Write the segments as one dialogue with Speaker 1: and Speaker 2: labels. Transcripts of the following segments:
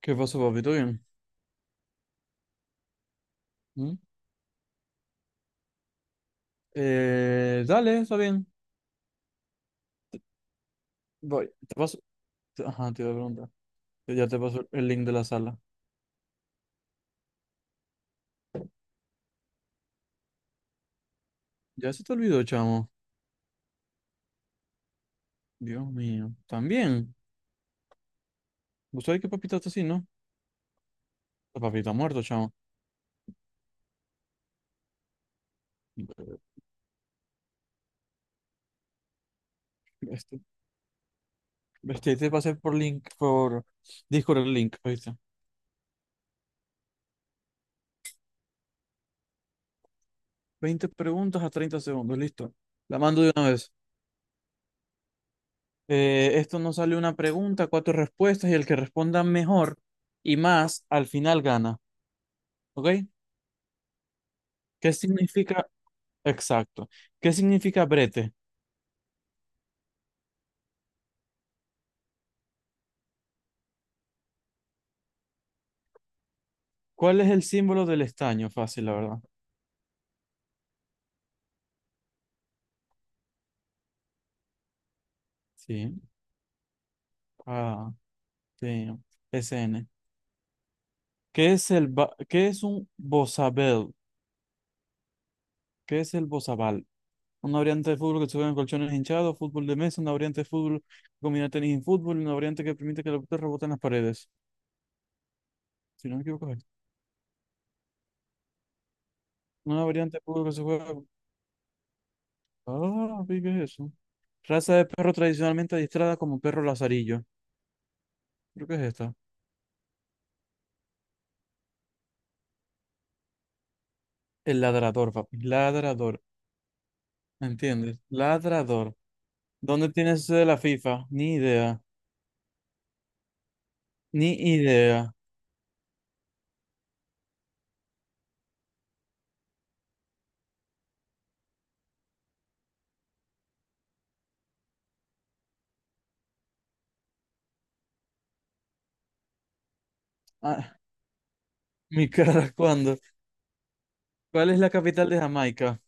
Speaker 1: ¿Qué pasó, papi? ¿Todo bien? ¿Mm? Dale, está bien. Voy. Te paso. Ajá, te iba a preguntar. Yo ya te paso el link de la sala. Ya se te olvidó, chamo. Dios mío. También. ¿Vos sabés que papita está así, no? La papita muerto, chamo. Este, Te pasé por link, por Discord el link, ¿viste? 20 preguntas a 30 segundos, listo. La mando de una vez. Esto nos sale una pregunta, cuatro respuestas y el que responda mejor y más al final gana. ¿Ok? ¿Qué significa Exacto. ¿Qué significa brete? ¿Cuál es el símbolo del estaño? Fácil, la verdad. Sí. Ah, sí. S N. ¿Qué es un bozabel? ¿Qué es el bozabal? Una variante de fútbol que se juega en colchones hinchados, fútbol de mesa, una variante de fútbol que combina tenis y fútbol, una variante que permite que la pelota rebote en las paredes. Si no me equivoco, es esto. Una variante de fútbol que se juega. Ah, vi, ¿qué es eso? Raza de perro tradicionalmente adiestrada como perro lazarillo. Creo que es esta. El ladrador, papi. Ladrador. ¿Entiendes? Ladrador. ¿Dónde tienes eso de la FIFA? Ni idea. Ni idea. Ah, mi cara, ¿cuándo? ¿Cuál es la capital de Jamaica?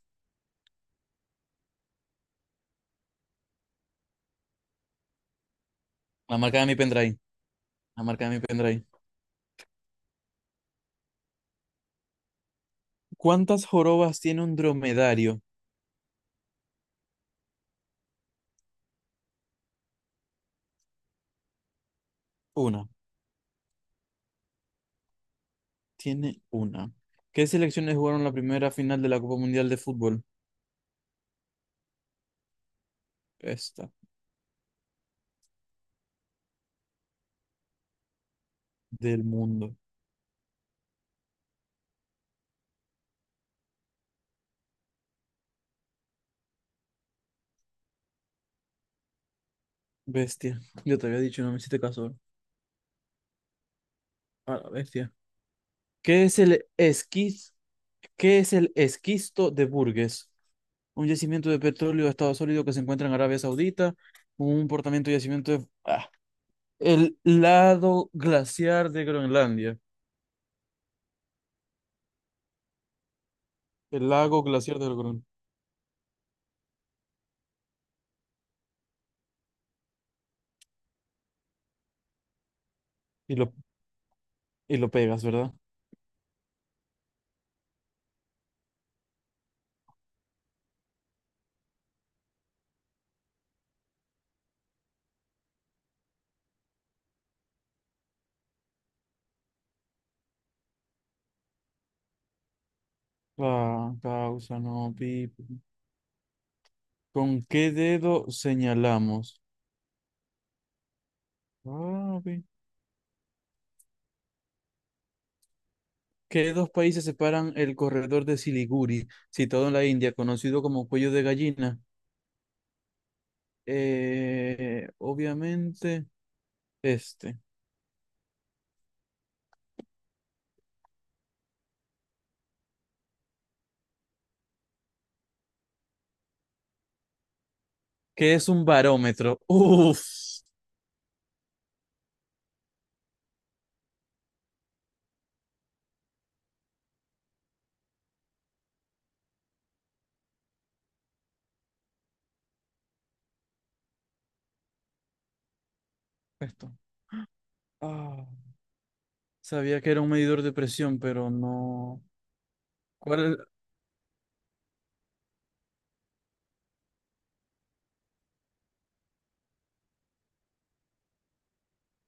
Speaker 1: La marca de mi pendrive. La marca de mi pendrive. ¿Cuántas jorobas tiene un dromedario? Una. Tiene una. ¿Qué selecciones jugaron la primera final de la Copa Mundial de Fútbol? Esta. Del mundo. Bestia. Yo te había dicho, no me hiciste caso. A la bestia. ¿Qué es el esquiz? ¿Qué es el esquisto de Burgess? Un yacimiento de petróleo de estado sólido que se encuentra en Arabia Saudita, un portamiento de yacimiento de... ah, el lado glaciar de Groenlandia, el lago glaciar de Groenlandia. Y lo, y lo pegas, ¿verdad? La causa, no, pi, pi. ¿Con qué dedo señalamos? Ah, pi. ¿Qué dos países separan el corredor de Siliguri, situado en la India, conocido como cuello de gallina? Obviamente, este. ¿Qué es un barómetro? Uf. Esto. Ah, sabía que era un medidor de presión, pero no. ¿Cuál es el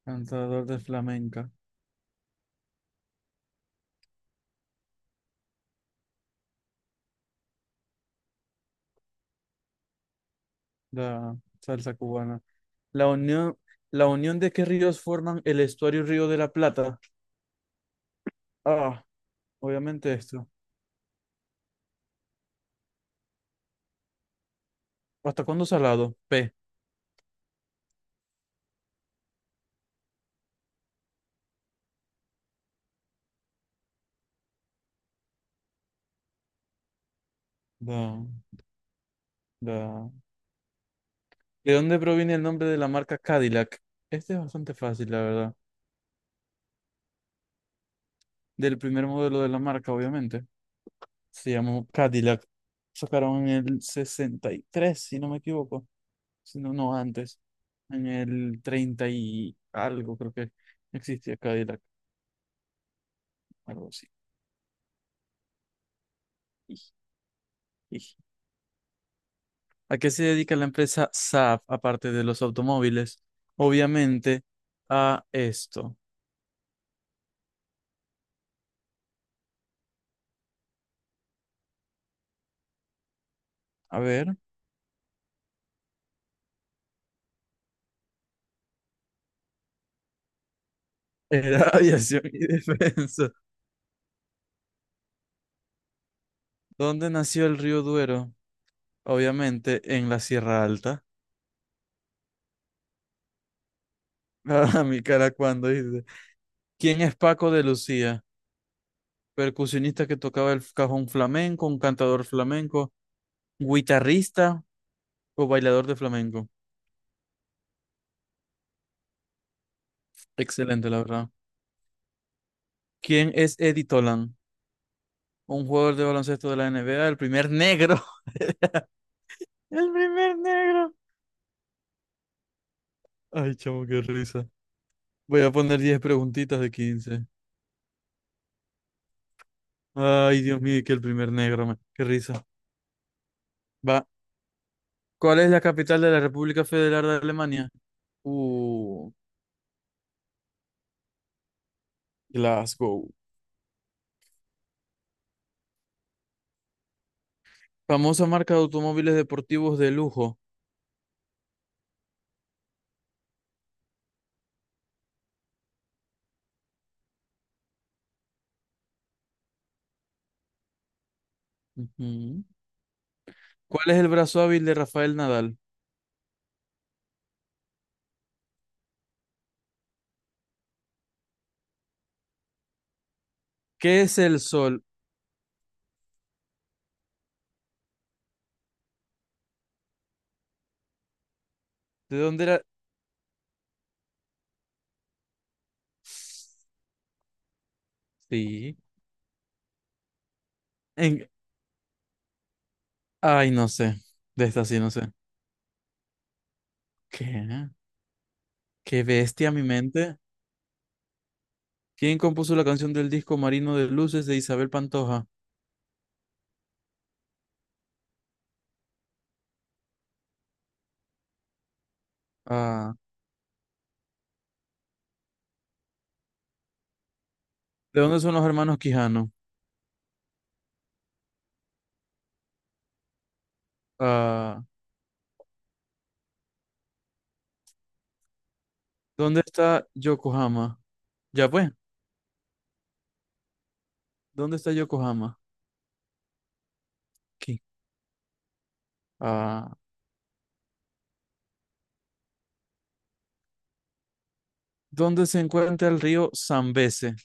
Speaker 1: cantador de flamenca? La salsa cubana. La unión, la unión de qué ríos forman el estuario Río de la Plata. Ah, obviamente esto. ¿Hasta cuándo salado? P. Da, da. ¿De dónde proviene el nombre de la marca Cadillac? Este es bastante fácil, la verdad. Del primer modelo de la marca, obviamente. Se llamó Cadillac. Sacaron en el 63, si no me equivoco. Sino no no, antes, en el 30 y algo, creo que existía Cadillac, algo así. Ij, ij. ¿A qué se dedica la empresa Saab, aparte de los automóviles? Obviamente a esto. A ver, era aviación y defensa. ¿Dónde nació el río Duero? Obviamente en la Sierra Alta. A mi cara cuando dice. ¿Quién es Paco de Lucía? Percusionista que tocaba el cajón flamenco, un cantador flamenco, guitarrista, o bailador de flamenco. Excelente, la verdad. ¿Quién es Eddie Tolan? Un jugador de baloncesto de la NBA, el primer negro. El primer negro. Ay, chamo, qué risa. Voy a poner 10 preguntitas de 15. Ay, Dios mío, que el primer negro, man. Qué risa. Va. ¿Cuál es la capital de la República Federal de Alemania? Uh, Glasgow. Famosa marca de automóviles deportivos de lujo. Ujú. ¿Cuál es el brazo hábil de Rafael Nadal? ¿Qué es el sol? ¿De dónde era? Sí. En... Ay, no sé. De esta sí, no sé. ¿Qué? Qué bestia mi mente. ¿Quién compuso la canción del disco Marino de Luces de Isabel Pantoja? Ah, ¿de dónde son los hermanos Quijano? Ah, ¿dónde está Yokohama? Ya pues, ¿dónde está Yokohama? Aquí. Ah, ¿dónde se encuentra el río Zambeze?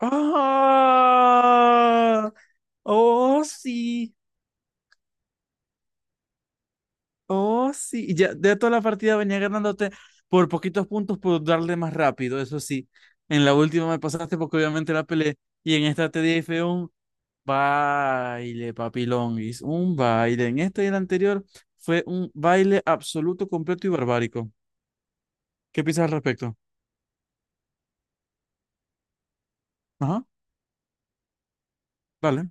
Speaker 1: ¡Ah! ¡Oh, sí! Oh, sí, y ya de toda la partida venía ganándote por poquitos puntos por darle más rápido, eso sí. En la última me pasaste porque obviamente la peleé y en esta te dije un baile, papilonguis, un baile. En esta y en anterior fue un baile absoluto, completo y barbárico. ¿Qué piensas al respecto? Ajá, vale.